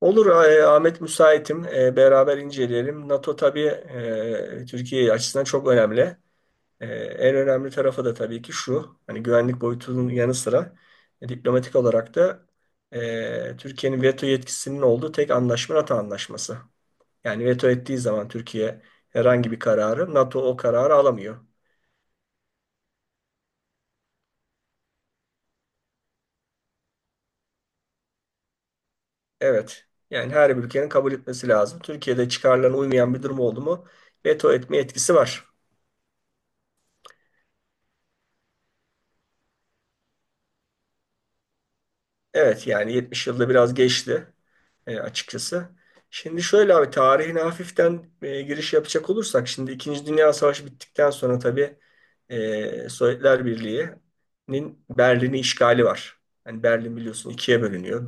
Olur, Ahmet müsaitim. Beraber inceleyelim. NATO tabii Türkiye açısından çok önemli. En önemli tarafı da tabii ki şu. Hani güvenlik boyutunun yanı sıra diplomatik olarak da Türkiye'nin veto yetkisinin olduğu tek anlaşma NATO anlaşması. Yani veto ettiği zaman Türkiye herhangi bir kararı, NATO o kararı alamıyor. Evet. Yani her bir ülkenin kabul etmesi lazım. Türkiye'de çıkarlarına uymayan bir durum oldu mu, veto etme etkisi var. Evet, yani 70 yılda biraz geçti, açıkçası. Şimdi şöyle abi, tarihine hafiften giriş yapacak olursak, şimdi İkinci Dünya Savaşı bittikten sonra tabii Sovyetler Birliği'nin Berlin'i işgali var. Yani Berlin, biliyorsun, ikiye bölünüyor.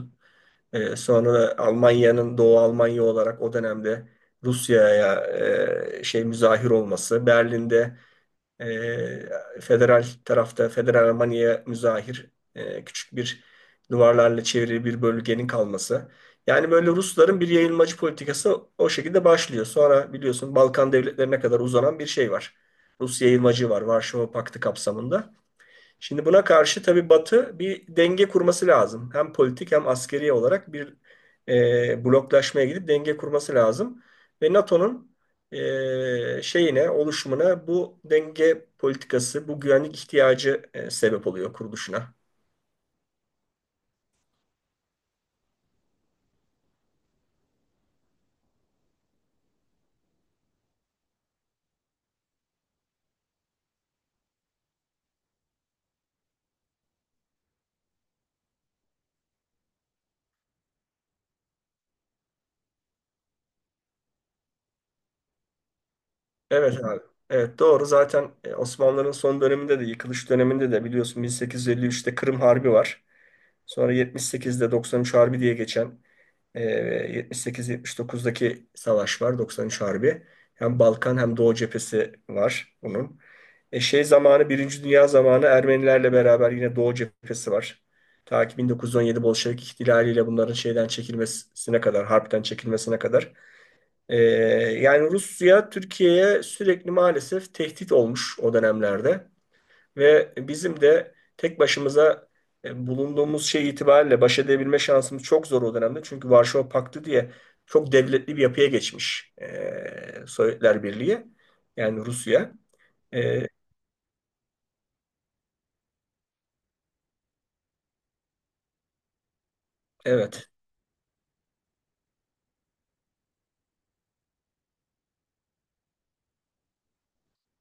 Sonra da Almanya'nın Doğu Almanya olarak o dönemde Rusya'ya müzahir olması, Berlin'de federal tarafta, federal Almanya'ya müzahir küçük bir duvarlarla çevrili bir bölgenin kalması. Yani böyle Rusların bir yayılmacı politikası o şekilde başlıyor. Sonra biliyorsun, Balkan devletlerine kadar uzanan bir şey var. Rus yayılmacı var, Varşova Paktı kapsamında. Şimdi buna karşı tabii Batı bir denge kurması lazım. Hem politik hem askeri olarak bir bloklaşmaya gidip denge kurması lazım. Ve NATO'nun oluşumuna bu denge politikası, bu güvenlik ihtiyacı sebep oluyor kuruluşuna. Evet abi. Evet, doğru. Zaten Osmanlıların son döneminde de, yıkılış döneminde de biliyorsun, 1853'te Kırım Harbi var. Sonra 78'de 93 Harbi diye geçen e, 78-79'daki savaş var. 93 Harbi. Hem Balkan hem Doğu cephesi var bunun. E, şey zamanı Birinci Dünya zamanı Ermenilerle beraber yine Doğu cephesi var. Ta ki 1917 Bolşevik ihtilaliyle bunların şeyden çekilmesine kadar, harpten çekilmesine kadar. ee, Yani Rusya Türkiye'ye sürekli maalesef tehdit olmuş o dönemlerde ve bizim de tek başımıza bulunduğumuz şey itibariyle baş edebilme şansımız çok zor o dönemde. Çünkü Varşova Paktı diye çok devletli bir yapıya geçmiş Sovyetler Birliği, yani Rusya. E, evet,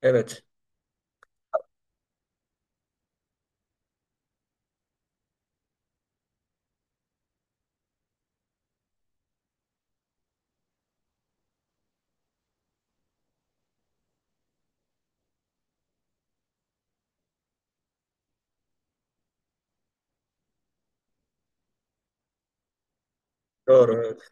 evet. Doğru, evet.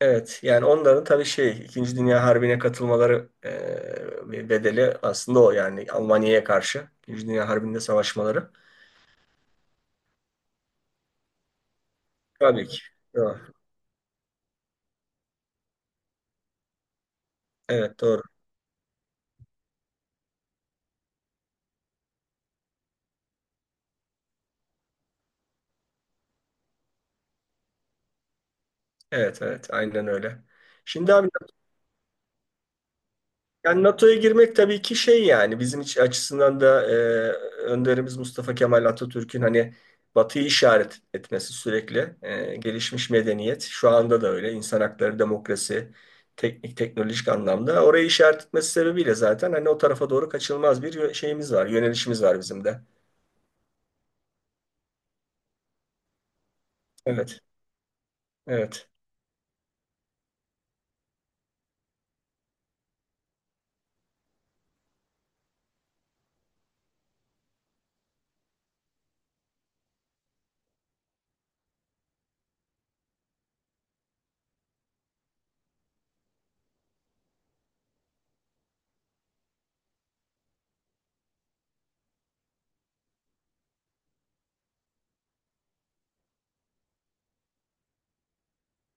Evet, yani onların tabii İkinci Dünya Harbi'ne katılmaları bir bedeli aslında o, yani Almanya'ya karşı İkinci Dünya Harbi'nde savaşmaları. Tabii ki. Doğru. Evet, doğru. Evet, evet, aynen öyle. Şimdi abi, yani NATO'ya girmek tabii ki bizim iç açısından da önderimiz Mustafa Kemal Atatürk'ün hani Batı'yı işaret etmesi, sürekli gelişmiş medeniyet, şu anda da öyle, insan hakları, demokrasi, teknik teknolojik anlamda orayı işaret etmesi sebebiyle zaten hani o tarafa doğru kaçınılmaz bir yö- şeyimiz var yönelişimiz var bizim de. Evet, evet.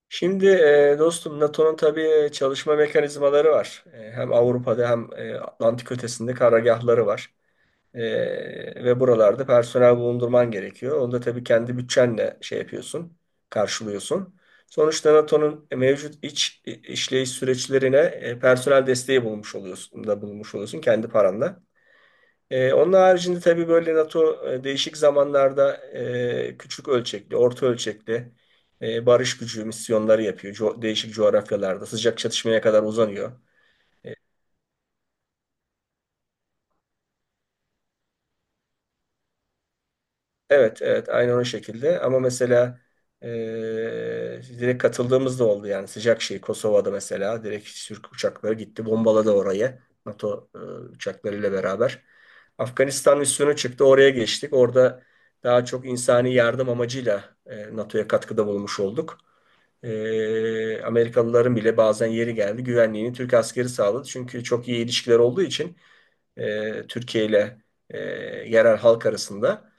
Şimdi dostum, NATO'nun tabii çalışma mekanizmaları var. Hem Avrupa'da hem Atlantik ötesinde karargahları var. E, Ve buralarda personel bulundurman gerekiyor. Onu da tabii kendi bütçenle karşılıyorsun. Sonuçta NATO'nun mevcut iç işleyiş süreçlerine personel desteği bulmuş oluyorsun, da bulmuş oluyorsun kendi paranla. Onun haricinde tabii böyle NATO değişik zamanlarda küçük ölçekli, orta ölçekli barış gücü misyonları yapıyor. Değişik coğrafyalarda sıcak çatışmaya kadar uzanıyor. Evet, evet, aynı onun şekilde. Ama mesela direkt katıldığımız da oldu, yani sıcak Kosova'da mesela direkt Türk uçakları gitti, bombaladı orayı, NATO uçaklarıyla beraber. Afganistan misyonu çıktı, oraya geçtik. Orada daha çok insani yardım amacıyla NATO'ya katkıda bulunmuş olduk. Amerikalıların bile bazen yeri geldi, güvenliğini Türk askeri sağladı. Çünkü çok iyi ilişkiler olduğu için Türkiye ile e, yerel halk arasında.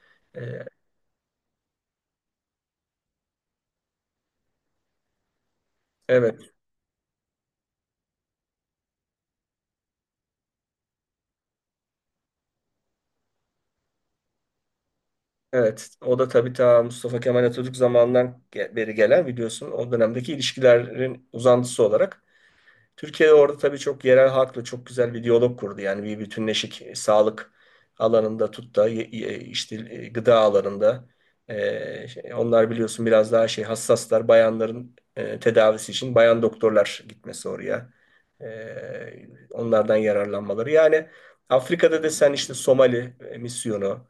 Evet, evet. O da tabii ta Mustafa Kemal Atatürk zamanından beri gelen, biliyorsun, o dönemdeki ilişkilerin uzantısı olarak Türkiye orada tabii çok yerel halkla çok güzel bir diyalog kurdu. Yani bir bütünleşik sağlık alanında tut da işte gıda alanında, onlar biliyorsun biraz daha hassaslar, bayanların tedavisi için bayan doktorlar gitmesi oraya. Onlardan yararlanmaları. Yani Afrika'da da sen işte Somali misyonu,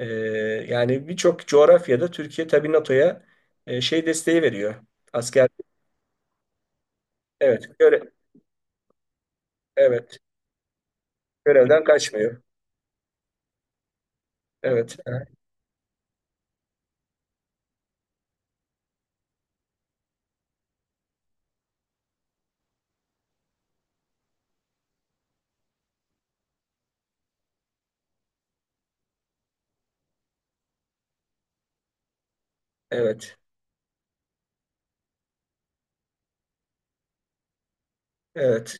e, yani birçok coğrafyada Türkiye tabii NATO'ya desteği veriyor. Asker, evet, göre, evet. Görevden kaçmıyor. Evet. Evet. Evet.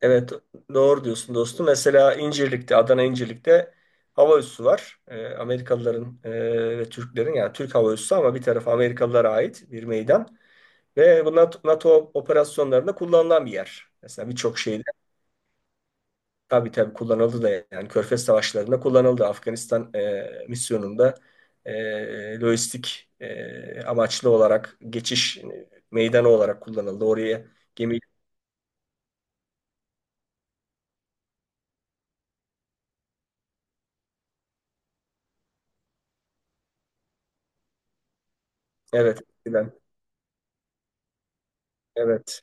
Evet. Doğru diyorsun dostum. Mesela İncirlik'te, Adana İncirlik'te hava üssü var. Amerikalıların ve Türklerin, yani Türk hava üssü ama bir tarafı Amerikalılara ait bir meydan. Ve bu NATO operasyonlarında kullanılan bir yer. Mesela birçok şeyde tabii tabii kullanıldı da, yani Körfez savaşlarında kullanıldı. Afganistan misyonunda lojistik amaçlı olarak geçiş meydanı olarak kullanıldı. Oraya gemi. Evet, eskiden. Evet,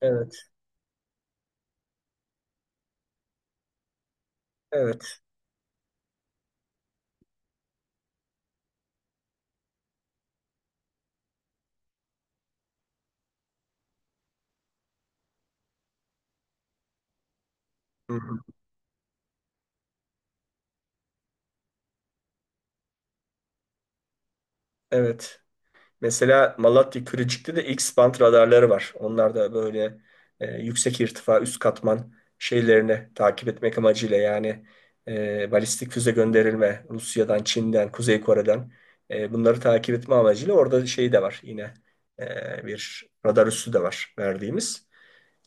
evet, evet. Hı hı. Evet. Mesela Malatya Kırıcık'ta da X-band radarları var. Onlar da böyle yüksek irtifa, üst katman şeylerini takip etmek amacıyla, yani balistik füze gönderilme Rusya'dan, Çin'den, Kuzey Kore'den bunları takip etme amacıyla orada şey de var, yine bir radar üssü de var verdiğimiz.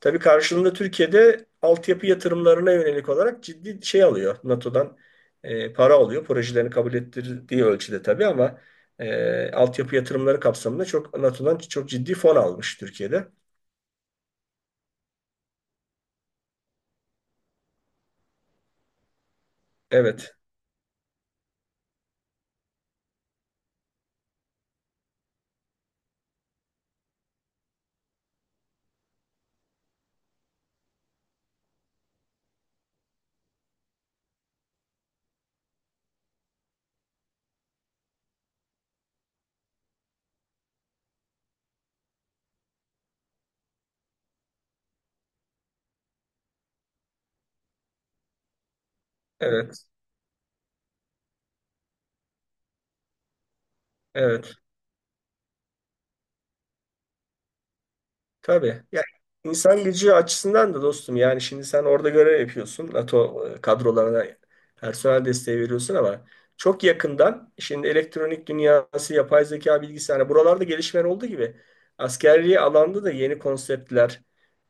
Tabii karşılığında Türkiye'de altyapı yatırımlarına yönelik olarak ciddi şey alıyor. NATO'dan para alıyor. Projelerini kabul ettirdiği ölçüde tabii, ama altyapı yatırımları kapsamında çok NATO'dan çok ciddi fon almış Türkiye'de. Evet, evet, evet. Tabii. Ya insan gücü açısından da dostum, yani şimdi sen orada görev yapıyorsun. NATO kadrolarına personel desteği veriyorsun, ama çok yakından şimdi elektronik dünyası, yapay zeka, bilgisayar, hani buralarda gelişmeler olduğu gibi askerliği alanda da yeni konseptler,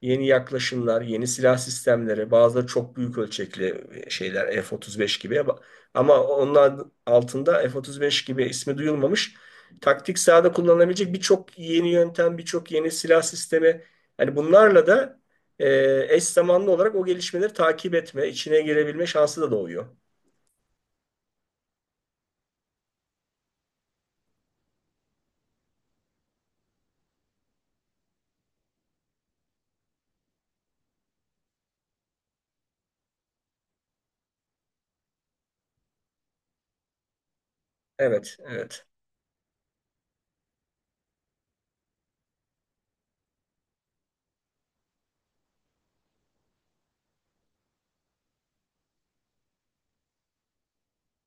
yeni yaklaşımlar, yeni silah sistemleri, bazıları çok büyük ölçekli şeyler F-35 gibi, ama onlar altında F-35 gibi ismi duyulmamış taktik sahada kullanılabilecek birçok yeni yöntem, birçok yeni silah sistemi. Yani bunlarla da eş zamanlı olarak o gelişmeleri takip etme, içine girebilme şansı da doğuyor. Evet, evet.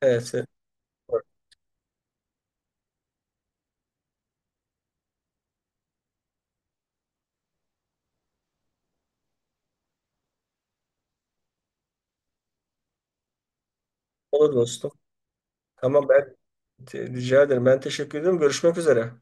Evet. Evet. Olur dostum. Tamam, ben rica ederim. Ben teşekkür ederim. Görüşmek üzere.